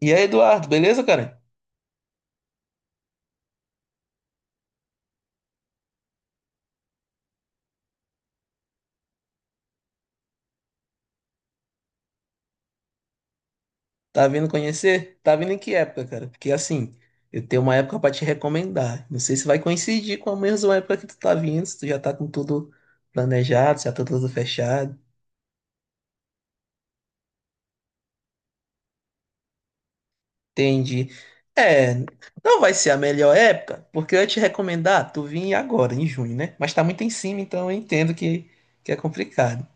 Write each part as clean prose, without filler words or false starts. E aí, Eduardo, beleza, cara? Tá vindo conhecer? Tá vindo em que época, cara? Porque assim, eu tenho uma época pra te recomendar. Não sei se vai coincidir com a mesma época que tu tá vindo, se tu já tá com tudo planejado, se já tá tudo fechado. Entendi. É, não vai ser a melhor época, porque eu ia te recomendar tu vir agora, em junho, né? Mas tá muito em cima, então eu entendo que é complicado.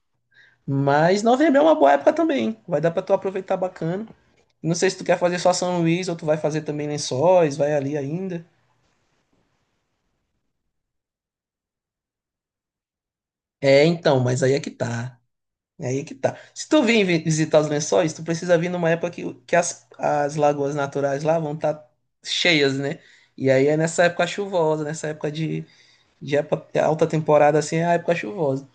Mas novembro é uma boa época também, hein? Vai dar pra tu aproveitar bacana. Não sei se tu quer fazer só São Luís ou tu vai fazer também Lençóis, vai ali ainda. É, então, mas aí é que tá. Aí é que tá. Se tu vir visitar os lençóis, tu precisa vir numa época que as lagoas naturais lá vão estar cheias, né? E aí é nessa época chuvosa, nessa época de alta temporada, assim, é a época chuvosa.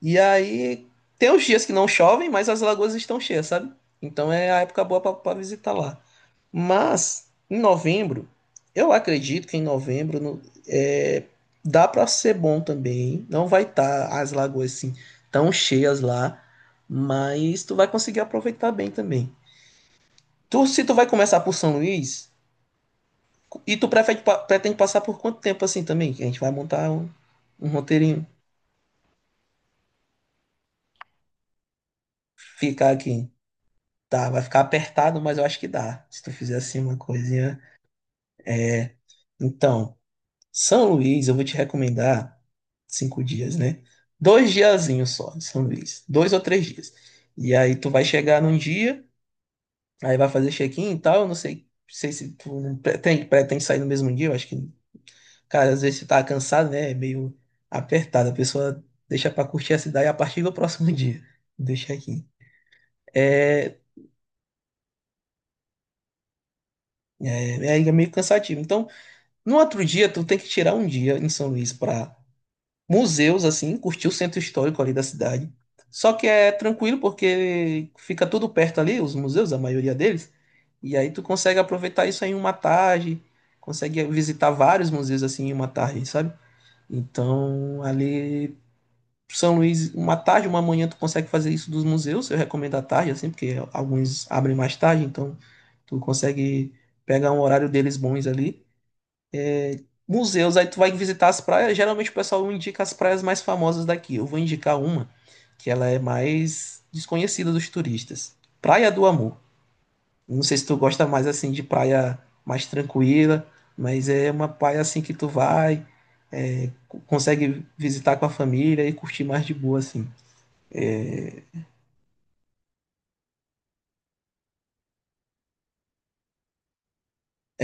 E aí tem os dias que não chovem, mas as lagoas estão cheias, sabe? Então é a época boa pra visitar lá. Mas em novembro, eu acredito que em novembro é, dá para ser bom também. Não vai estar as lagoas assim tão cheias lá, mas tu vai conseguir aproveitar bem também. Tu, se tu vai começar por São Luís, e tu prefere, pretende passar por quanto tempo assim também? Que a gente vai montar um roteirinho, ficar aqui. Tá, vai ficar apertado, mas eu acho que dá. Se tu fizer assim uma coisinha. É, então. São Luís, eu vou te recomendar 5 dias, né? Dois diazinhos só em São Luís. 2 ou 3 dias. E aí tu vai chegar num dia, aí vai fazer check-in e tal. Eu não sei, sei se tu não pretende sair no mesmo dia. Eu acho que, cara, às vezes você tá cansado, né? É meio apertado. A pessoa deixa pra curtir a cidade a partir do próximo dia. Deixa aqui. É, é, meio cansativo. Então, no outro dia, tu tem que tirar um dia em São Luís pra museus, assim, curtir o centro histórico ali da cidade. Só que é tranquilo porque fica tudo perto ali, os museus, a maioria deles, e aí tu consegue aproveitar isso aí em uma tarde, consegue visitar vários museus assim em uma tarde, sabe? Então, ali São Luís, uma tarde, uma manhã tu consegue fazer isso dos museus, eu recomendo à tarde assim, porque alguns abrem mais tarde, então tu consegue pegar um horário deles bons ali museus, aí tu vai visitar as praias. Geralmente o pessoal indica as praias mais famosas daqui. Eu vou indicar uma que ela é mais desconhecida dos turistas. Praia do Amor. Não sei se tu gosta mais assim de praia mais tranquila, mas é uma praia assim que tu vai, consegue visitar com a família e curtir mais de boa assim. É,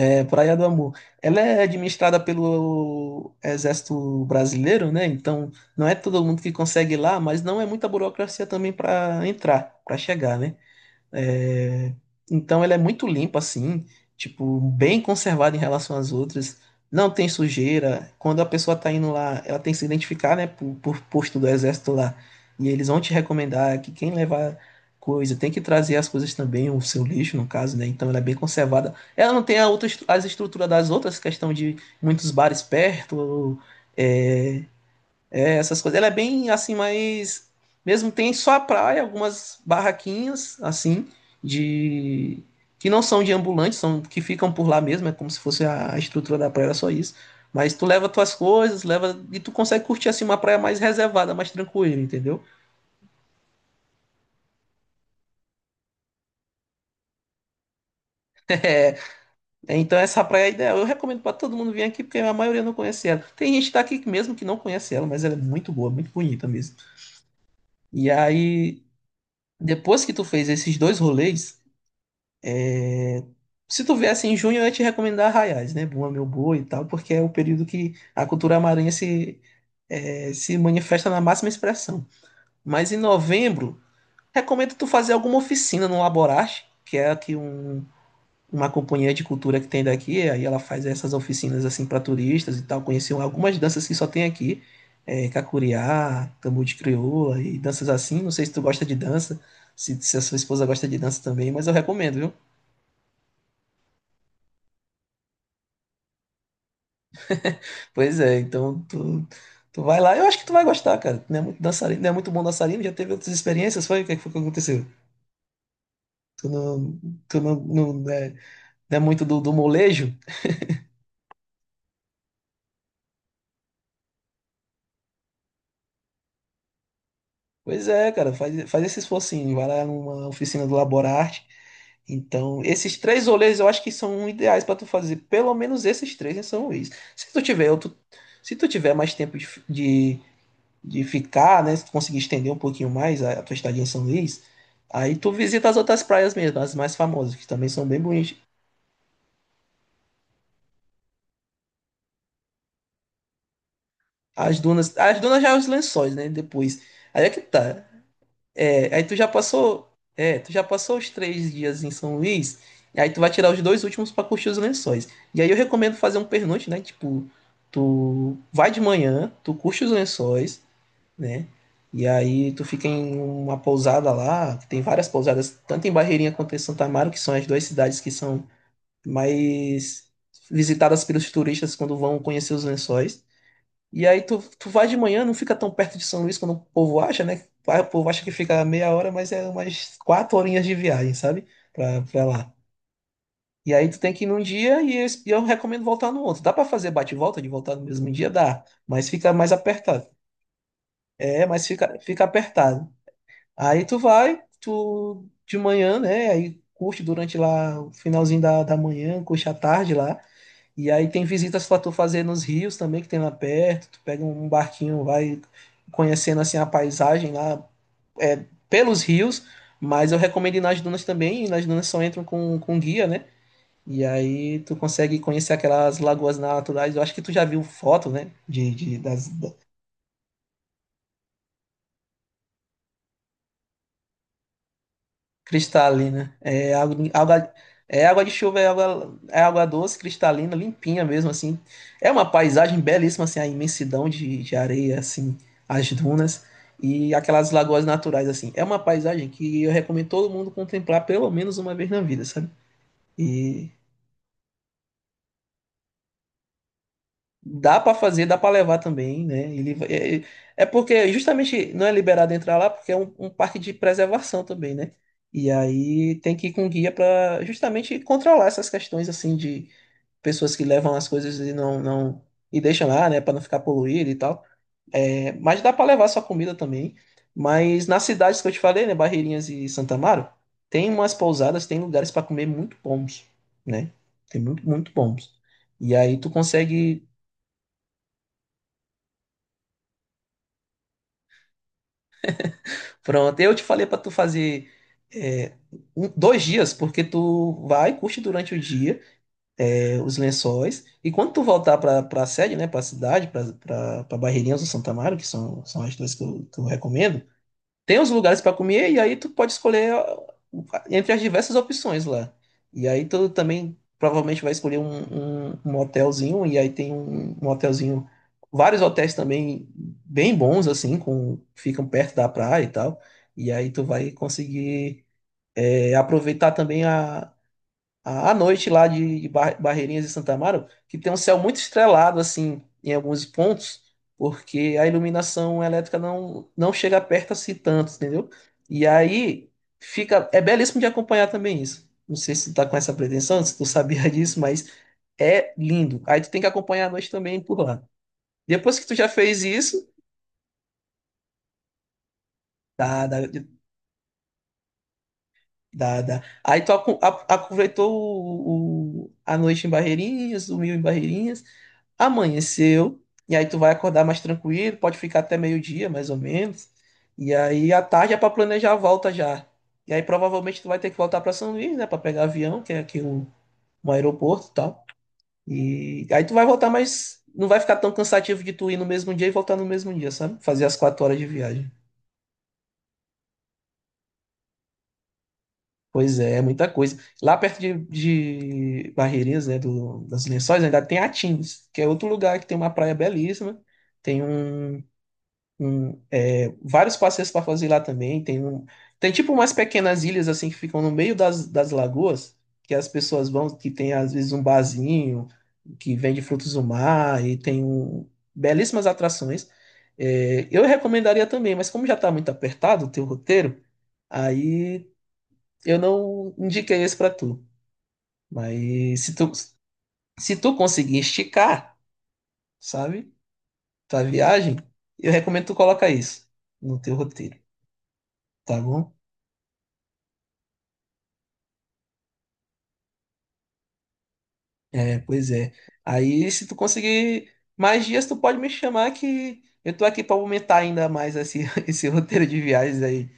é, Praia do Amor. Ela é administrada pelo Exército Brasileiro, né? Então, não é todo mundo que consegue ir lá, mas não é muita burocracia também para entrar, para chegar, né? É, então ela é muito limpa assim, tipo, bem conservada em relação às outras. Não tem sujeira. Quando a pessoa tá indo lá, ela tem que se identificar, né, por posto do exército lá. E eles vão te recomendar que quem levar coisa tem que trazer as coisas também, o seu lixo, no caso, né? Então ela é bem conservada. Ela não tem a outra, as estruturas das outras, questão de muitos bares perto, é, essas coisas. Ela é bem assim, mas mesmo tem só a praia, algumas barraquinhas assim de que não são de ambulantes, são que ficam por lá mesmo, é como se fosse a estrutura da praia, era só isso. Mas tu leva tuas coisas, leva e tu consegue curtir assim uma praia mais reservada, mais tranquila, entendeu? É, é, então essa praia é ideal. Eu recomendo para todo mundo vir aqui porque a maioria não conhece ela. Tem gente daqui mesmo que não conhece ela, mas ela é muito boa, muito bonita mesmo. E aí depois que tu fez esses dois rolês, se tu viesse em junho, eu ia te recomendar Arraiais, né? Bumba Meu Boi e tal, porque é o período que a cultura maranhense, se manifesta na máxima expressão. Mas em novembro, recomendo tu fazer alguma oficina no Laborarte, que é aqui uma companhia de cultura que tem daqui, aí ela faz essas oficinas assim para turistas e tal, conhecer algumas danças que só tem aqui, cacuriá, tambor de crioula e danças assim. Não sei se tu gosta de dança, se a sua esposa gosta de dança também, mas eu recomendo, viu? Pois é, então tu, tu vai lá. Eu acho que tu vai gostar, cara. Tu não é muito dançarino, não é muito bom dançarino, já teve outras experiências, foi? O que foi que aconteceu? Tu não, tu não, não, é, não é muito do molejo? Pois é, cara, faz, faz esse esforcinho, vai lá numa oficina do Laborarte. Então, esses três rolês eu acho que são ideais pra tu fazer, pelo menos esses três em São Luís. Se tu tiver outro, se tu tiver mais tempo de, de ficar, né? Se tu conseguir estender um pouquinho mais a tua estadia em São Luís, aí tu visita as outras praias mesmo, as mais famosas, que também são bem bonitas. As dunas já é os lençóis, né? Depois. Aí é que tá. É, aí tu já passou, é, tu já passou os 3 dias em São Luís, e aí tu vai tirar os dois últimos pra curtir os lençóis. E aí eu recomendo fazer um pernoite, né? Tipo, tu vai de manhã, tu curte os lençóis, né? E aí tu fica em uma pousada lá, que tem várias pousadas, tanto em Barreirinha quanto em Santa Amaro, que são as duas cidades que são mais visitadas pelos turistas quando vão conhecer os lençóis. E aí tu, tu vai de manhã, não fica tão perto de São Luís quando o povo acha, né? Ah, o povo acha que fica meia hora, mas é umas quatro horinhas de viagem, sabe? Pra lá. E aí tu tem que ir num dia e eu recomendo voltar no outro. Dá pra fazer bate e volta de voltar no mesmo dia? Dá. Mas fica mais apertado. É, mas fica, fica apertado. Aí tu vai, tu de manhã, né? Aí curte durante lá o finalzinho da manhã, curte à tarde lá. E aí tem visitas pra tu fazer nos rios também, que tem lá perto. Tu pega um barquinho, vai conhecendo assim a paisagem lá, é, pelos rios. Mas eu recomendo ir nas dunas também, e nas dunas só entram com guia, né? E aí tu consegue conhecer aquelas lagoas naturais. Eu acho que tu já viu foto, né? Cristalina. É é água de chuva, é água doce, cristalina, limpinha mesmo, assim. É uma paisagem belíssima, assim, a imensidão de areia, assim, as dunas e aquelas lagoas naturais, assim. É uma paisagem que eu recomendo todo mundo contemplar pelo menos uma vez na vida, sabe? E dá pra fazer, dá pra levar também, né? Ele, porque justamente não é liberado entrar lá porque é um parque de preservação também, né? E aí tem que ir com guia pra justamente controlar essas questões assim de pessoas que levam as coisas e não, não e deixam lá, né? Pra não ficar poluído e tal. É, mas dá pra levar sua comida também. Mas nas cidades que eu te falei, né? Barreirinhas e Santa Amaro, tem umas pousadas, tem lugares pra comer muito bons, né? Tem muito, muito bons. E aí tu consegue. Pronto, eu te falei para tu fazer, é, 2 dias, porque tu vai, curte durante o dia, é, os lençóis, e quando tu voltar para a sede, né, para a cidade, para pra Barreirinhas do Santo Amaro, que são, são as duas que eu recomendo, tem os lugares para comer e aí tu pode escolher ó, entre as diversas opções lá. E aí tu também provavelmente vai escolher um hotelzinho e aí tem um hotelzinho, vários hotéis também bem bons assim, com ficam perto da praia e tal. E aí tu vai conseguir, é, aproveitar também a à noite lá de Bar- Barreirinhas e Santa Amaro, que tem um céu muito estrelado, assim, em alguns pontos, porque a iluminação elétrica não, não chega perto assim tanto, entendeu? E aí fica, é belíssimo de acompanhar também isso. Não sei se tu tá com essa pretensão, se tu sabia disso, mas é lindo. Aí tu tem que acompanhar à noite também por lá. Depois que tu já fez isso, dá, dá, dá, dá. Aí tu aproveitou a noite em Barreirinhas, dormiu em Barreirinhas, amanheceu, e aí tu vai acordar mais tranquilo, pode ficar até meio-dia, mais ou menos. E aí à tarde é pra planejar a volta já. E aí provavelmente tu vai ter que voltar pra São Luís, né, pra pegar avião, que é aqui um aeroporto e tal. E aí tu vai voltar, mas não vai ficar tão cansativo de tu ir no mesmo dia e voltar no mesmo dia, sabe? Fazer as 4 horas de viagem. Pois é, é muita coisa. Lá perto de Barreirinhas, né, do, das Lençóis, ainda tem Atins, que é outro lugar que tem uma praia belíssima, tem é, vários passeios para fazer lá também. Tem, um, tem tipo umas pequenas ilhas assim que ficam no meio das lagoas, que as pessoas vão, que tem às vezes um barzinho que vende frutos do mar e tem um, belíssimas atrações. É, eu recomendaria também, mas como já está muito apertado o teu roteiro, aí eu não indiquei esse para tu. Mas se tu, se tu conseguir esticar, sabe, tua viagem, eu recomendo tu colocar isso no teu roteiro, tá bom? É, pois é. Aí, se tu conseguir mais dias, tu pode me chamar que eu tô aqui pra aumentar ainda mais esse, esse roteiro de viagens aí.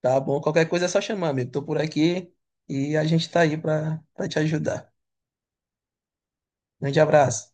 Tá bom? Qualquer coisa é só chamar, amigo. Tô por aqui e a gente tá aí pra, pra te ajudar. Grande abraço.